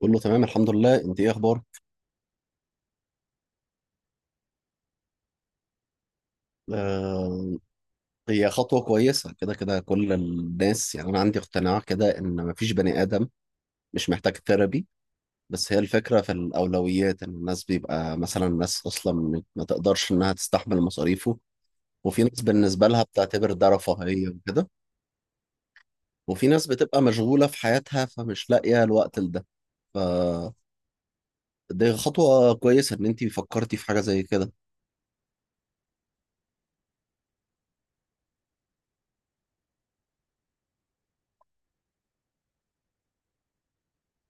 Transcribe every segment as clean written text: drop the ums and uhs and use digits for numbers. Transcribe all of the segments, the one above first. بقول له تمام، الحمد لله، انت ايه اخبارك؟ آه. هي خطوه كويسه، كده كده كل الناس، يعني انا عندي اقتناع كده ان مفيش بني ادم مش محتاج ثيرابي. بس هي الفكره في الاولويات ان الناس بيبقى مثلا ناس اصلا ما تقدرش انها تستحمل مصاريفه. وفي ناس بالنسبه لها بتعتبر ده رفاهيه وكده. وفي ناس بتبقى مشغوله في حياتها فمش لاقيه الوقت لده. ف دي خطوه كويسه ان انت فكرتي في حاجه زي كده.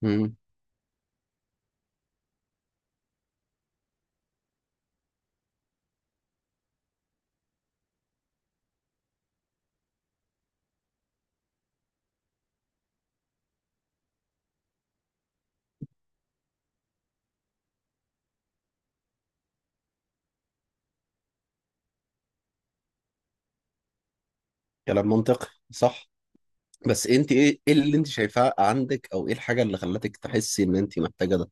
مم. كلام منطقي. صح. بس انت ايه اللي انت شايفاه عندك، او ايه الحاجه اللي خلتك تحسي ان انت محتاجه ده؟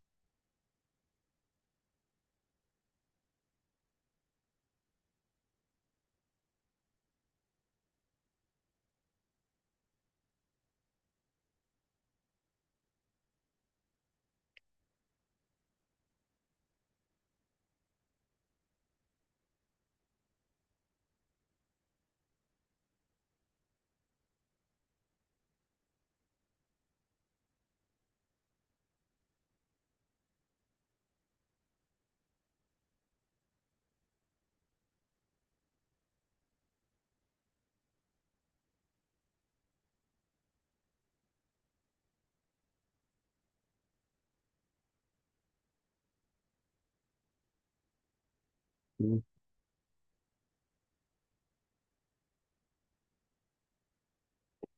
مم.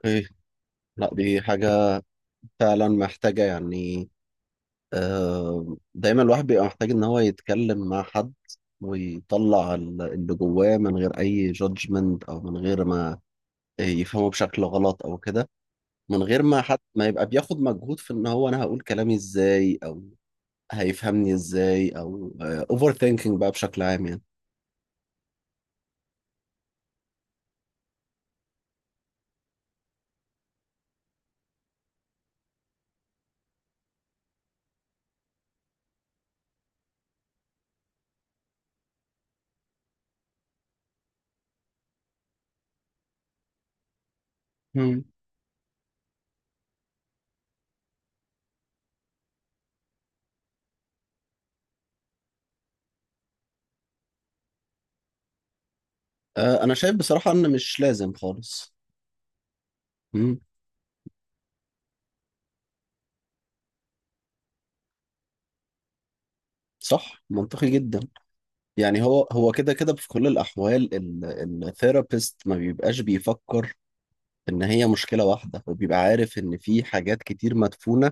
ايه. لا دي حاجه فعلا محتاجه، يعني. آه، دايما الواحد بيبقى محتاج ان هو يتكلم مع حد ويطلع اللي جواه من غير اي جادجمنت، او من غير ما يفهمه بشكل غلط او كده، من غير ما حد ما يبقى بياخد مجهود في ان هو انا هقول كلامي ازاي، او هيفهمني ازاي، او اوفر ثينكينج بقى بشكل عام، يعني. مم. آه، انا شايف بصراحة ان مش لازم خالص. مم. صح، منطقي جدا. يعني هو كده كده في كل الاحوال الثيرابيست ما بيبقاش بيفكر ان هي مشكلة واحدة، وبيبقى عارف ان في حاجات كتير مدفونة.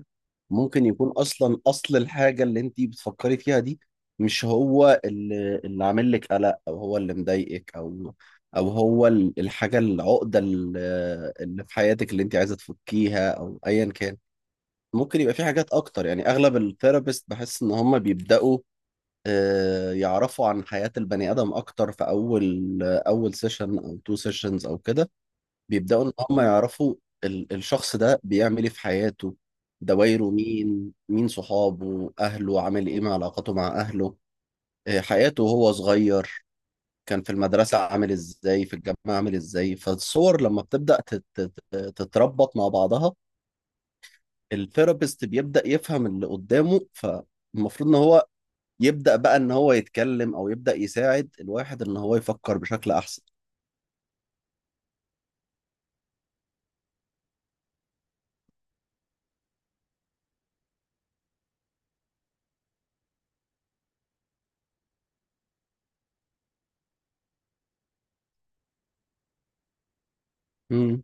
ممكن يكون اصلا اصل الحاجة اللي انتي بتفكري فيها دي مش هو اللي عامل لك قلق، او هو اللي مضايقك، او هو الحاجة العقدة اللي في حياتك اللي انتي عايزة تفكيها، او ايا كان. ممكن يبقى في حاجات اكتر، يعني اغلب الثيرابيست بحس ان هم بيبداوا، يعرفوا عن حياة البني ادم اكتر، في اول اول سيشن او تو سيشنز او كده. بيبداوا ان هم يعرفوا الشخص ده بيعمل ايه في حياته، دوايره، مين مين صحابه، اهله عامل ايه، مع علاقاته مع اهله، حياته وهو صغير، كان في المدرسة عامل ازاي، في الجامعة عامل ازاي. فالصور لما بتبدأ تتربط مع بعضها، الثيرابيست بيبدأ يفهم اللي قدامه، فالمفروض ان هو يبدأ بقى ان هو يتكلم او يبدأ يساعد الواحد ان هو يفكر بشكل احسن. امم.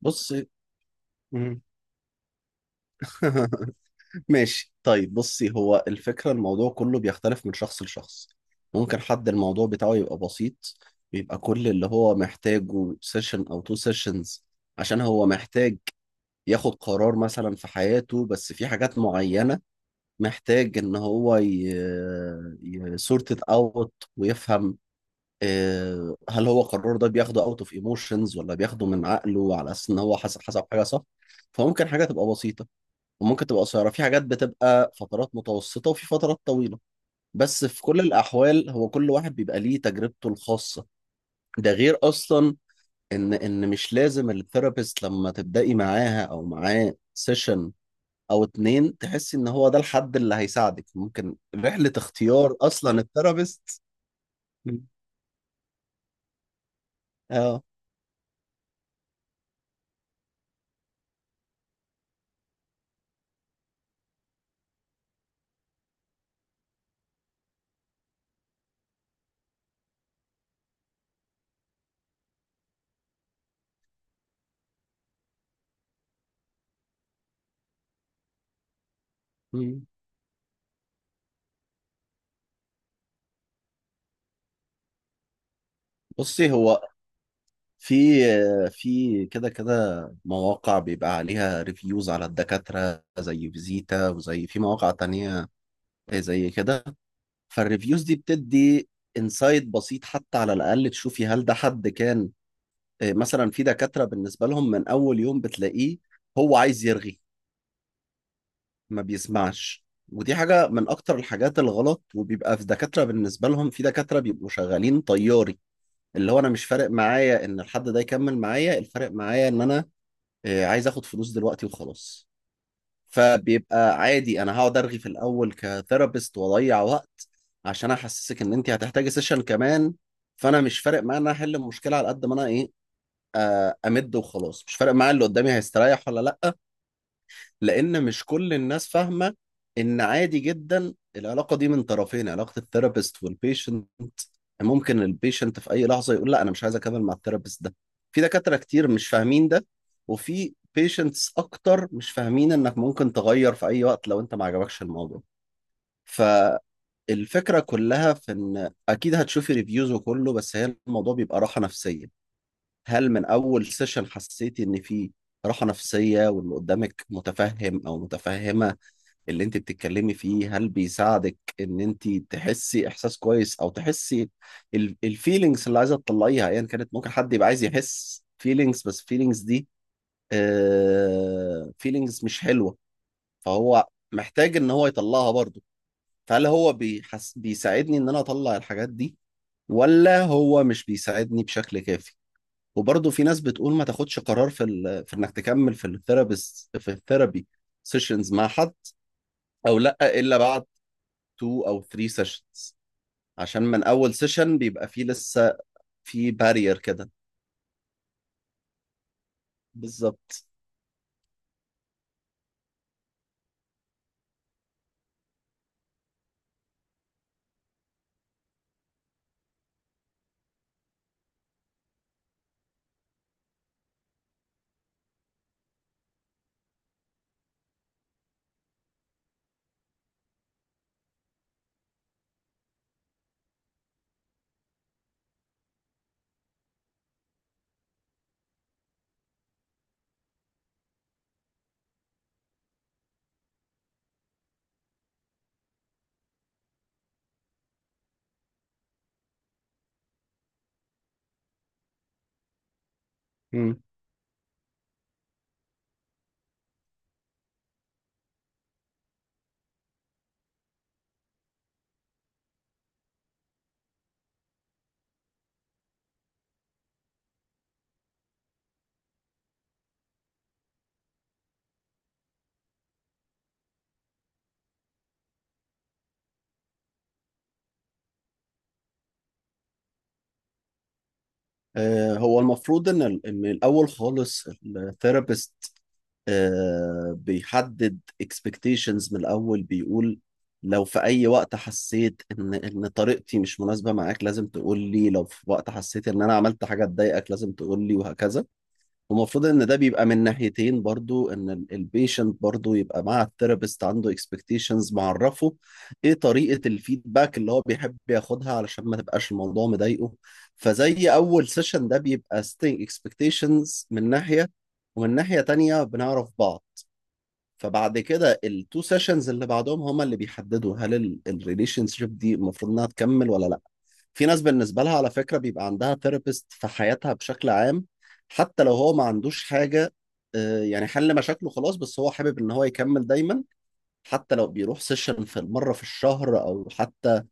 بصي. مم. ماشي، طيب بصي، هو الفكرة، الموضوع كله بيختلف من شخص لشخص. ممكن حد الموضوع بتاعه يبقى بسيط، بيبقى كل اللي هو محتاجه سيشن او تو سيشنز، عشان هو محتاج ياخد قرار مثلا في حياته، بس في حاجات معينة محتاج ان هو سورت اوت ويفهم، هل هو قراره ده بياخده اوت اوف ايموشنز، ولا بياخده من عقله على اساس ان هو حسب حاجه صح. فممكن حاجه تبقى بسيطه، وممكن تبقى قصيره، في حاجات بتبقى فترات متوسطه، وفي فترات طويله. بس في كل الاحوال هو كل واحد بيبقى ليه تجربته الخاصه. ده غير اصلا ان مش لازم الثيرابيست لما تبداي معاها او معاه سيشن او اتنين تحس ان هو ده الحد اللي هيساعدك، ممكن رحلة اختيار اصلا الثيرابيست. مم. اه. مم. بصي، هو في في كده كده مواقع بيبقى عليها ريفيوز على الدكاترة، زي فيزيتا وزي في مواقع تانية زي كده. فالريفيوز دي بتدي انسايد بسيط حتى، على الاقل تشوفي هل ده حد كان، مثلا في دكاترة بالنسبة لهم من اول يوم بتلاقيه هو عايز يرغي، ما بيسمعش. ودي حاجة من أكتر الحاجات الغلط. وبيبقى في دكاترة بيبقوا شغالين طياري. اللي هو أنا مش فارق معايا إن الحد ده يكمل معايا، الفارق معايا إن أنا عايز آخد فلوس دلوقتي وخلاص. فبيبقى عادي أنا هقعد أرغي في الأول كثيرابيست وأضيع وقت، عشان أحسسك إن أنت هتحتاجي سيشن كمان. فأنا مش فارق معايا إن أنا أحل المشكلة على قد ما أنا إيه، أمد وخلاص. مش فارق معايا اللي قدامي هيستريح ولا لأ. لان مش كل الناس فاهمه ان عادي جدا العلاقه دي من طرفين، علاقه الثيرابيست والبيشنت، ممكن البيشنت في اي لحظه يقول لا انا مش عايز اكمل مع الثيرابيست ده. في دكاتره كتير مش فاهمين ده. وفي بيشنتس اكتر مش فاهمين انك ممكن تغير في اي وقت لو انت ما عجبكش الموضوع. فالفكره كلها في ان اكيد هتشوفي ريفيوز وكله، بس هي الموضوع بيبقى راحه نفسيه. هل من اول سيشن حسيتي ان في راحه نفسيه، واللي قدامك متفهم او متفهمه اللي انت بتتكلمي فيه، هل بيساعدك ان انت تحسي احساس كويس، او تحسي الفيلينجز اللي عايزه تطلعيها ايا كانت. ممكن حد يبقى عايز يحس فيلينجز، بس فيلينجز دي فيلينجز مش حلوه، فهو محتاج ان هو يطلعها برضه. فهل هو بيحس بيساعدني ان انا اطلع الحاجات دي، ولا هو مش بيساعدني بشكل كافي. وبرضه في ناس بتقول ما تاخدش قرار في في انك تكمل في الثيرابي سيشنز مع حد، او لا، الا بعد 2 او 3 سيشنز، عشان من اول سيشن بيبقى فيه لسه في بارير كده. بالظبط. مم. هو المفروض ان ان الاول خالص الثيرابيست بيحدد اكسبكتيشنز من الاول، بيقول لو في اي وقت حسيت ان طريقتي مش مناسبه معاك لازم تقول لي، لو في وقت حسيت ان انا عملت حاجه تضايقك لازم تقول لي، وهكذا. ومفروض ان ده بيبقى من ناحيتين برضو، ان البيشنت برضو يبقى مع الثيرابيست عنده اكسبكتيشنز، معرفه ايه طريقة الفيدباك اللي هو بيحب ياخدها علشان ما تبقاش الموضوع مضايقه. فزي اول سيشن ده بيبقى ستينج اكسبكتيشنز من ناحية، ومن ناحية تانية بنعرف بعض. فبعد كده التو سيشنز اللي بعدهم هما اللي بيحددوا هل الريليشن شيب دي المفروض انها تكمل ولا لا. في ناس بالنسبة لها على فكرة بيبقى عندها ثيرابيست في حياتها بشكل عام، حتى لو هو ما عندوش حاجة، يعني حل مشاكله خلاص، بس هو حابب ان هو يكمل دايما. حتى لو بيروح سيشن في مرة في الشهر، او حتى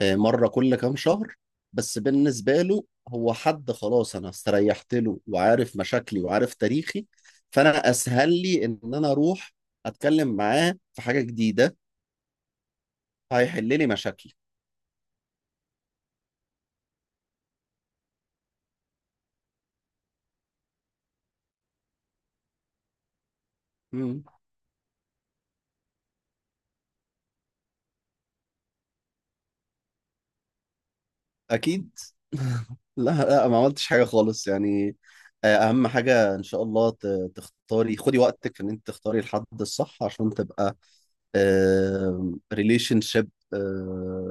مرة كل كام شهر. بس بالنسبة له هو حد خلاص انا استريحت له وعارف مشاكلي وعارف تاريخي، فانا اسهل لي ان انا اروح اتكلم معاه في حاجة جديدة، هيحل لي مشاكلي. مم. اكيد. لا، لا ما عملتش حاجة خالص، يعني. أهم حاجة إن شاء الله تختاري، خدي وقتك في إن أنت تختاري الحد الصح عشان تبقى ريليشن شيب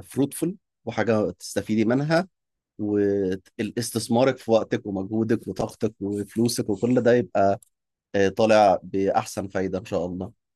فروتفul، وحاجة تستفيدي منها. واستثمارك في وقتك ومجهودك وطاقتك وفلوسك وكل ده يبقى طالع بأحسن فايدة إن شاء الله.